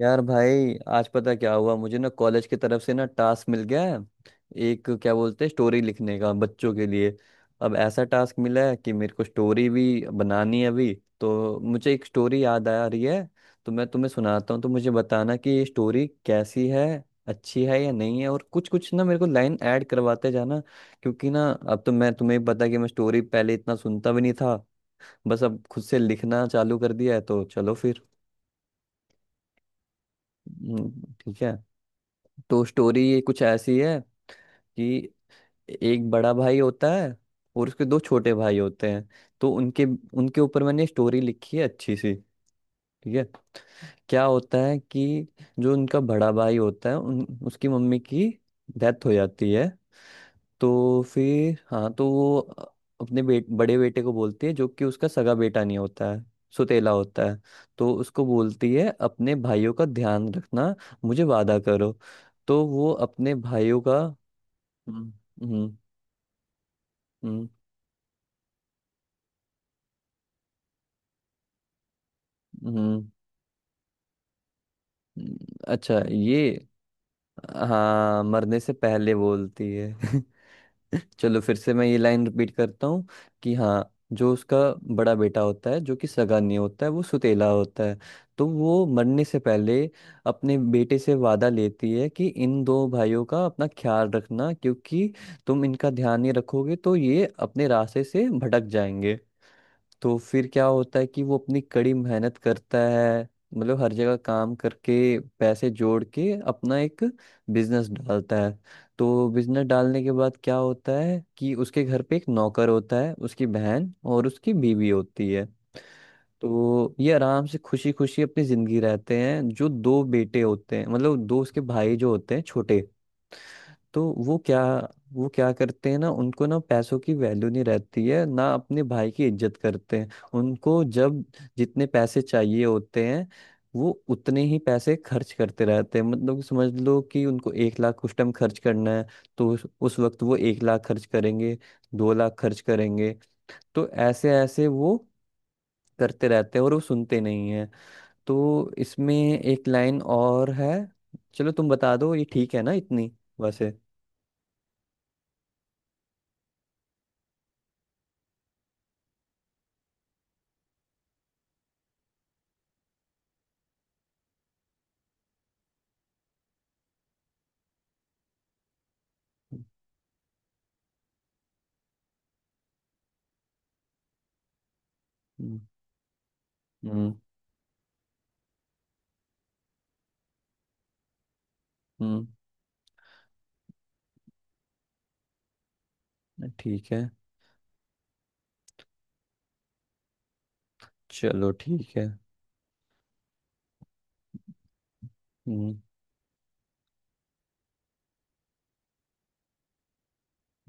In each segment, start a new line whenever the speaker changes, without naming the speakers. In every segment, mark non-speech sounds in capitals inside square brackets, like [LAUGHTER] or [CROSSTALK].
यार भाई आज पता क्या हुआ मुझे ना कॉलेज की तरफ से ना टास्क मिल गया है। एक क्या बोलते हैं, स्टोरी लिखने का बच्चों के लिए। अब ऐसा टास्क मिला है कि मेरे को स्टोरी भी बनानी है अभी। तो मुझे एक स्टोरी याद आ रही है। तो मैं तुम्हें सुनाता हूँ, तो मुझे बताना कि ये स्टोरी कैसी है, अच्छी है या नहीं है, और कुछ कुछ ना मेरे को लाइन ऐड करवाते जाना। क्योंकि ना अब तो मैं, तुम्हें पता है कि मैं स्टोरी पहले इतना सुनता भी नहीं था। बस अब खुद से लिखना चालू कर दिया है, तो चलो फिर। हम्म, ठीक है। तो स्टोरी कुछ ऐसी है कि एक बड़ा भाई होता है और उसके दो छोटे भाई होते हैं। तो उनके उनके ऊपर मैंने स्टोरी लिखी है अच्छी सी। ठीक है। क्या होता है कि जो उनका बड़ा भाई होता है उन उसकी मम्मी की डेथ हो जाती है। तो फिर हाँ तो वो अपने बड़े बेटे को बोलती है, जो कि उसका सगा बेटा नहीं होता है, सुतेला होता है। तो उसको बोलती है अपने भाइयों का ध्यान रखना, मुझे वादा करो। तो वो अपने भाइयों का। हम्म। हम्म। हम्म। हम्म। हम्म। अच्छा ये। हाँ, मरने से पहले बोलती है। [LAUGHS] चलो, फिर से मैं ये लाइन रिपीट करता हूँ कि हाँ, जो उसका बड़ा बेटा होता है, जो कि सगा नहीं होता है, वो सुतेला होता है। तो वो मरने से पहले अपने बेटे से वादा लेती है कि इन दो भाइयों का अपना ख्याल रखना, क्योंकि तुम इनका ध्यान नहीं रखोगे तो ये अपने रास्ते से भटक जाएंगे। तो फिर क्या होता है कि वो अपनी कड़ी मेहनत करता है, मतलब हर जगह काम करके पैसे जोड़ के अपना एक बिजनेस डालता है। तो बिजनेस डालने के बाद क्या होता है कि उसके घर पे एक नौकर होता है, उसकी बहन और उसकी बीवी होती है। तो ये आराम से खुशी खुशी अपनी जिंदगी रहते हैं, जो दो बेटे होते हैं मतलब दो उसके भाई जो होते हैं छोटे। तो वो क्या वो क्या करते हैं ना, उनको ना पैसों की वैल्यू नहीं रहती है, ना अपने भाई की इज्जत करते हैं। उनको जब जितने पैसे चाहिए होते हैं वो उतने ही पैसे खर्च करते रहते हैं, मतलब समझ लो कि उनको 1 लाख कुछ टाइम खर्च करना है, तो उस वक्त वो 1 लाख खर्च करेंगे, 2 लाख खर्च करेंगे। तो ऐसे ऐसे वो करते रहते हैं और वो सुनते नहीं है। तो इसमें एक लाइन और है। चलो तुम बता दो, ये ठीक है ना इतनी वैसे। हम्म। हम्म। ठीक है। चलो, ठीक है। हम्म।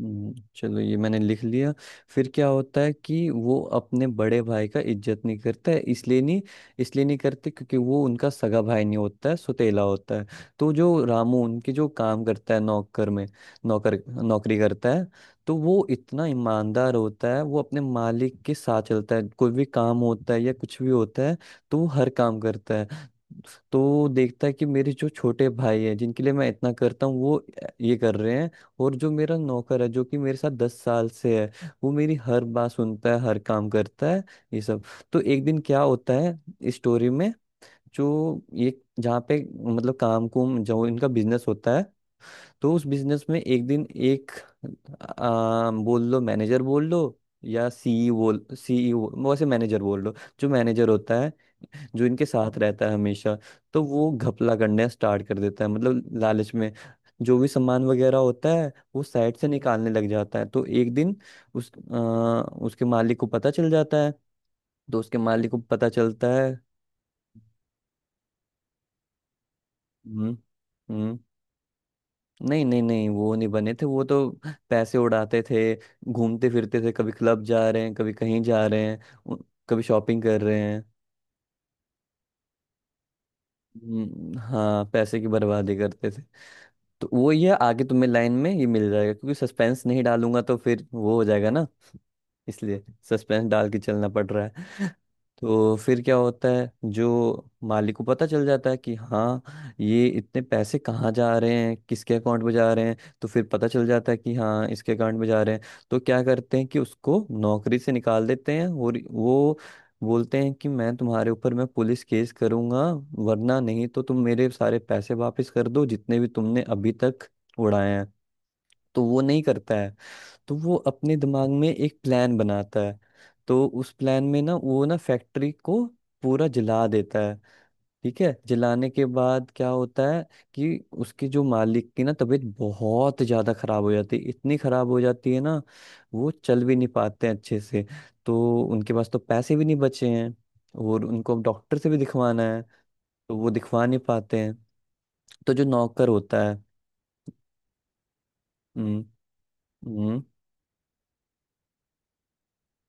चलो ये मैंने लिख लिया। फिर क्या होता है कि वो अपने बड़े भाई का इज्जत नहीं करता है। इसलिए नहीं करते, क्योंकि वो उनका सगा भाई नहीं होता है, सुतेला होता है। तो जो रामू उनके जो काम करता है, नौकर में नौकर नौकरी करता है। तो वो इतना ईमानदार होता है, वो अपने मालिक के साथ चलता है, कोई भी काम होता है या कुछ भी होता है तो वो हर काम करता है। तो वो देखता है कि मेरे जो छोटे भाई हैं, जिनके लिए मैं इतना करता हूँ, वो ये कर रहे हैं। और जो मेरा नौकर है, जो कि मेरे साथ 10 साल से है, वो मेरी हर बात सुनता है, हर काम करता है ये सब। तो एक दिन क्या होता है इस स्टोरी में, जो ये जहाँ पे मतलब काम कुम जो इनका बिजनेस होता है, तो उस बिजनेस में एक दिन एक बोल लो मैनेजर, बोल लो या सीई, बोल सीईओ, वैसे मैनेजर बोल लो। जो मैनेजर होता है, जो इनके साथ रहता है हमेशा, तो वो घपला करना स्टार्ट कर देता है, मतलब लालच में। जो भी सामान वगैरह होता है वो साइड से निकालने लग जाता है। तो एक दिन उस अ, उसके मालिक को पता चल जाता है। तो उसके मालिक को पता चलता है। हम्म। हम्म। नहीं नहीं नहीं, वो नहीं बने थे, वो तो पैसे उड़ाते थे, घूमते फिरते थे, कभी क्लब जा रहे हैं, कभी कहीं जा रहे हैं, उ- कभी शॉपिंग कर रहे हैं। हाँ, पैसे की बर्बादी करते थे। तो वो ये आगे तुम्हें लाइन में ये मिल जाएगा, क्योंकि सस्पेंस नहीं डालूंगा तो फिर वो हो जाएगा ना, इसलिए सस्पेंस डाल के चलना पड़ रहा है। तो फिर क्या होता है, जो मालिक को पता चल जाता है कि हाँ, ये इतने पैसे कहाँ जा रहे हैं, किसके अकाउंट में जा रहे हैं, तो फिर पता चल जाता है कि हाँ, इसके अकाउंट में जा रहे हैं। तो क्या करते हैं कि उसको नौकरी से निकाल देते हैं और वो बोलते हैं कि मैं तुम्हारे ऊपर मैं पुलिस केस करूंगा, वरना नहीं तो तुम मेरे सारे पैसे वापस कर दो जितने भी तुमने अभी तक उड़ाए हैं। तो वो नहीं करता है। तो वो अपने दिमाग में एक प्लान बनाता है। तो उस प्लान में ना वो ना फैक्ट्री को पूरा जला देता है। ठीक है, जलाने के बाद क्या होता है कि उसके जो मालिक की ना तबीयत बहुत ज्यादा खराब हो जाती है, इतनी खराब हो जाती है ना वो चल भी नहीं पाते हैं अच्छे से। तो उनके पास तो पैसे भी नहीं बचे हैं और उनको अब डॉक्टर से भी दिखवाना है, तो वो दिखवा नहीं पाते हैं। तो जो नौकर होता है। हम्म। हम्म।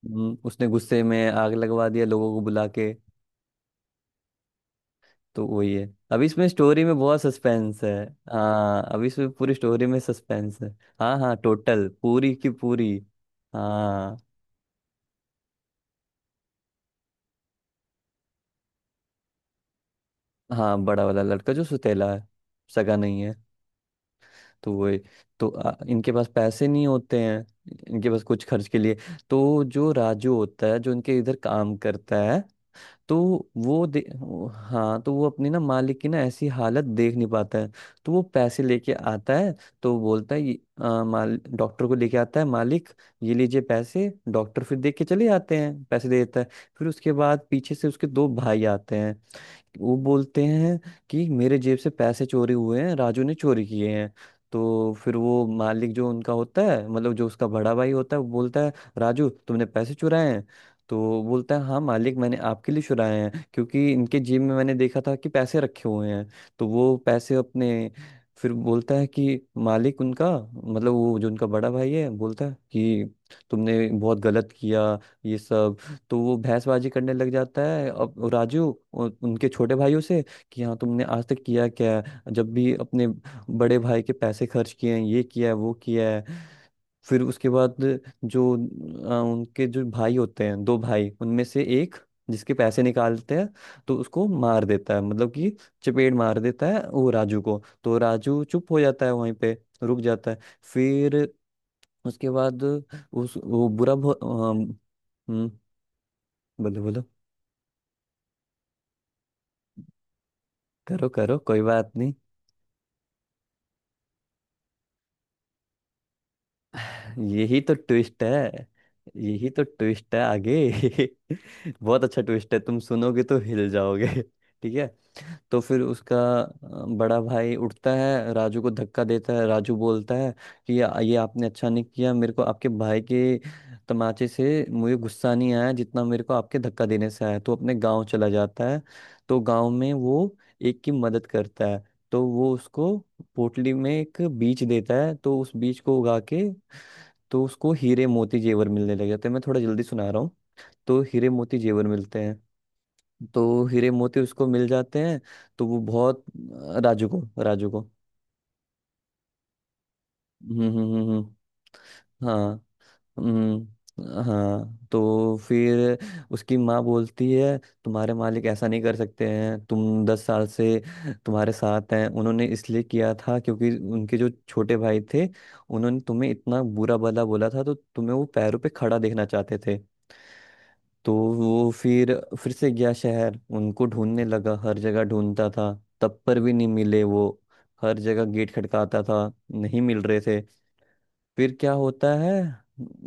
उसने गुस्से में आग लगवा दिया लोगों को बुला के। तो वही है। अभी इसमें स्टोरी में बहुत सस्पेंस है। हाँ, अभी इसमें पूरी स्टोरी में सस्पेंस है। हाँ हाँ, टोटल पूरी की पूरी। हाँ हाँ, बड़ा वाला लड़का जो सुतेला है, सगा नहीं है। तो वही। तो इनके पास पैसे नहीं होते हैं, इनके पास कुछ खर्च के लिए। तो जो राजू होता है, जो इनके इधर काम करता है, तो हाँ, तो वो अपनी ना मालिक की ना ऐसी हालत देख नहीं पाता है। तो वो पैसे लेके आता है। तो वो बोलता है, "ये, माल डॉक्टर को लेके आता है मालिक, ये लीजिए पैसे।" डॉक्टर फिर देख के चले आते हैं, पैसे दे देता है। फिर उसके बाद पीछे से उसके दो भाई आते हैं, वो बोलते हैं कि मेरे जेब से पैसे चोरी हुए हैं, राजू ने चोरी किए हैं। तो फिर वो मालिक जो उनका होता है, मतलब जो उसका बड़ा भाई होता है, वो बोलता है, राजू तुमने पैसे चुराए हैं? तो वो बोलता है, हाँ मालिक, मैंने आपके लिए चुराए हैं, क्योंकि इनके जेब में मैंने देखा था कि पैसे रखे हुए हैं तो वो पैसे अपने। फिर बोलता है कि मालिक उनका, मतलब वो जो उनका बड़ा भाई है, बोलता है कि तुमने बहुत गलत किया ये सब। तो वो भैंसबाजी करने लग जाता है अब राजू, उनके छोटे भाइयों से कि हाँ, तुमने आज तक किया क्या है, जब भी अपने बड़े भाई के पैसे खर्च किए हैं, ये किया है, वो किया है। फिर उसके बाद जो उनके जो भाई होते हैं, दो भाई उनमें से एक, जिसके पैसे निकालते हैं, तो उसको मार देता है, मतलब कि चपेट मार देता है वो राजू को, तो राजू चुप हो जाता है वहीं पे, रुक जाता है। फिर उसके बाद उस वो बुरा हम्म। बोलो बोलो, करो करो, कोई बात नहीं। यही तो ट्विस्ट है, यही तो ट्विस्ट है आगे। [LAUGHS] बहुत अच्छा ट्विस्ट है, तुम सुनोगे तो हिल जाओगे। [LAUGHS] ठीक है। तो फिर उसका बड़ा भाई उठता है, राजू को धक्का देता है, राजू बोलता है कि ये आपने अच्छा नहीं किया, मेरे को आपके भाई के तमाचे से मुझे गुस्सा नहीं आया, जितना मेरे को आपके धक्का देने से आया, तो अपने गांव चला जाता है। तो गांव में वो एक की मदद करता है, तो वो उसको पोटली में एक बीज देता है, तो उस बीज को उगा के, तो उसको हीरे मोती जेवर मिलने लग जाते हैं। मैं थोड़ा जल्दी सुना रहा हूँ। तो हीरे मोती जेवर मिलते हैं, तो हीरे मोती उसको मिल जाते हैं। तो वो बहुत, राजू को राजू को। हम्म। हम्म। हम्म। हम्म। हाँ। हम्म। हाँ, तो फिर उसकी माँ बोलती है, तुम्हारे मालिक ऐसा नहीं कर सकते हैं, तुम 10 साल से तुम्हारे साथ हैं, उन्होंने इसलिए किया था क्योंकि उनके जो छोटे भाई थे उन्होंने तुम्हें इतना बुरा भला बोला था, तो तुम्हें वो पैरों पे खड़ा देखना चाहते थे। तो वो फिर से गया शहर, उनको ढूंढने लगा, हर जगह ढूंढता था, तब पर भी नहीं मिले वो। हर जगह गेट खटकाता था, नहीं मिल रहे थे। फिर क्या होता है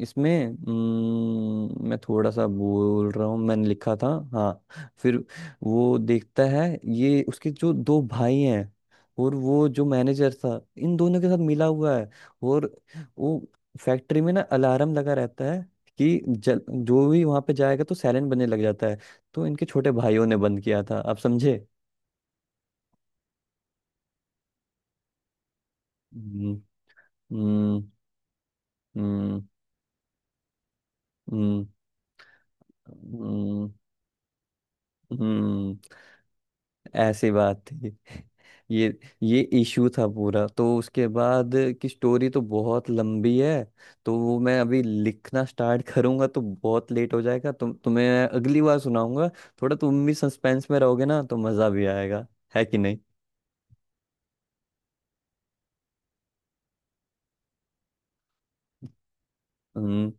इसमें, मैं थोड़ा सा बोल रहा हूँ, मैंने लिखा था। हाँ, फिर वो देखता है, ये उसके जो दो भाई हैं और वो जो मैनेजर था, इन दोनों के साथ मिला हुआ है। और वो फैक्ट्री में ना अलार्म लगा रहता है कि जो भी वहां पे जाएगा तो साइलेंट बनने लग जाता है। तो इनके छोटे भाइयों ने बंद किया था, आप समझे। हम्म। हम्म। हम्म। हम्म। हम्म। हम्म, ऐसी बात थी। ये ये इशू था पूरा। तो उसके बाद की स्टोरी तो बहुत लंबी है। तो वो मैं अभी लिखना स्टार्ट करूंगा तो बहुत लेट हो जाएगा, तुम्हें अगली बार सुनाऊंगा। थोड़ा तुम भी सस्पेंस में रहोगे ना तो मजा भी आएगा, है कि नहीं? हम्म।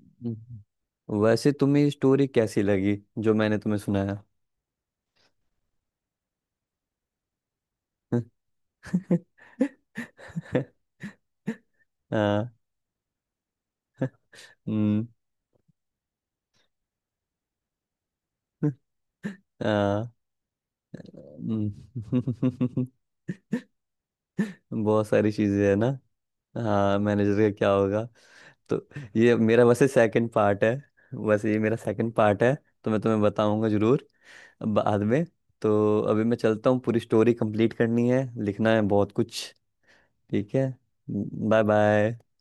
हम्म। वैसे तुम्हें स्टोरी कैसी लगी, जो मैंने तुम्हें सुनाया? [LAUGHS] हाँ। हम्म, हाँ। हम्म। [LAUGHS] बहुत सारी चीजें है ना। हाँ, मैनेजर का क्या होगा। तो ये मेरा वैसे सेकंड पार्ट है, वैसे ये मेरा सेकंड पार्ट है। तो मैं तुम्हें बताऊंगा जरूर बाद में। तो अभी मैं चलता हूँ, पूरी स्टोरी कंप्लीट करनी है, लिखना है बहुत कुछ। ठीक है। Bye bye.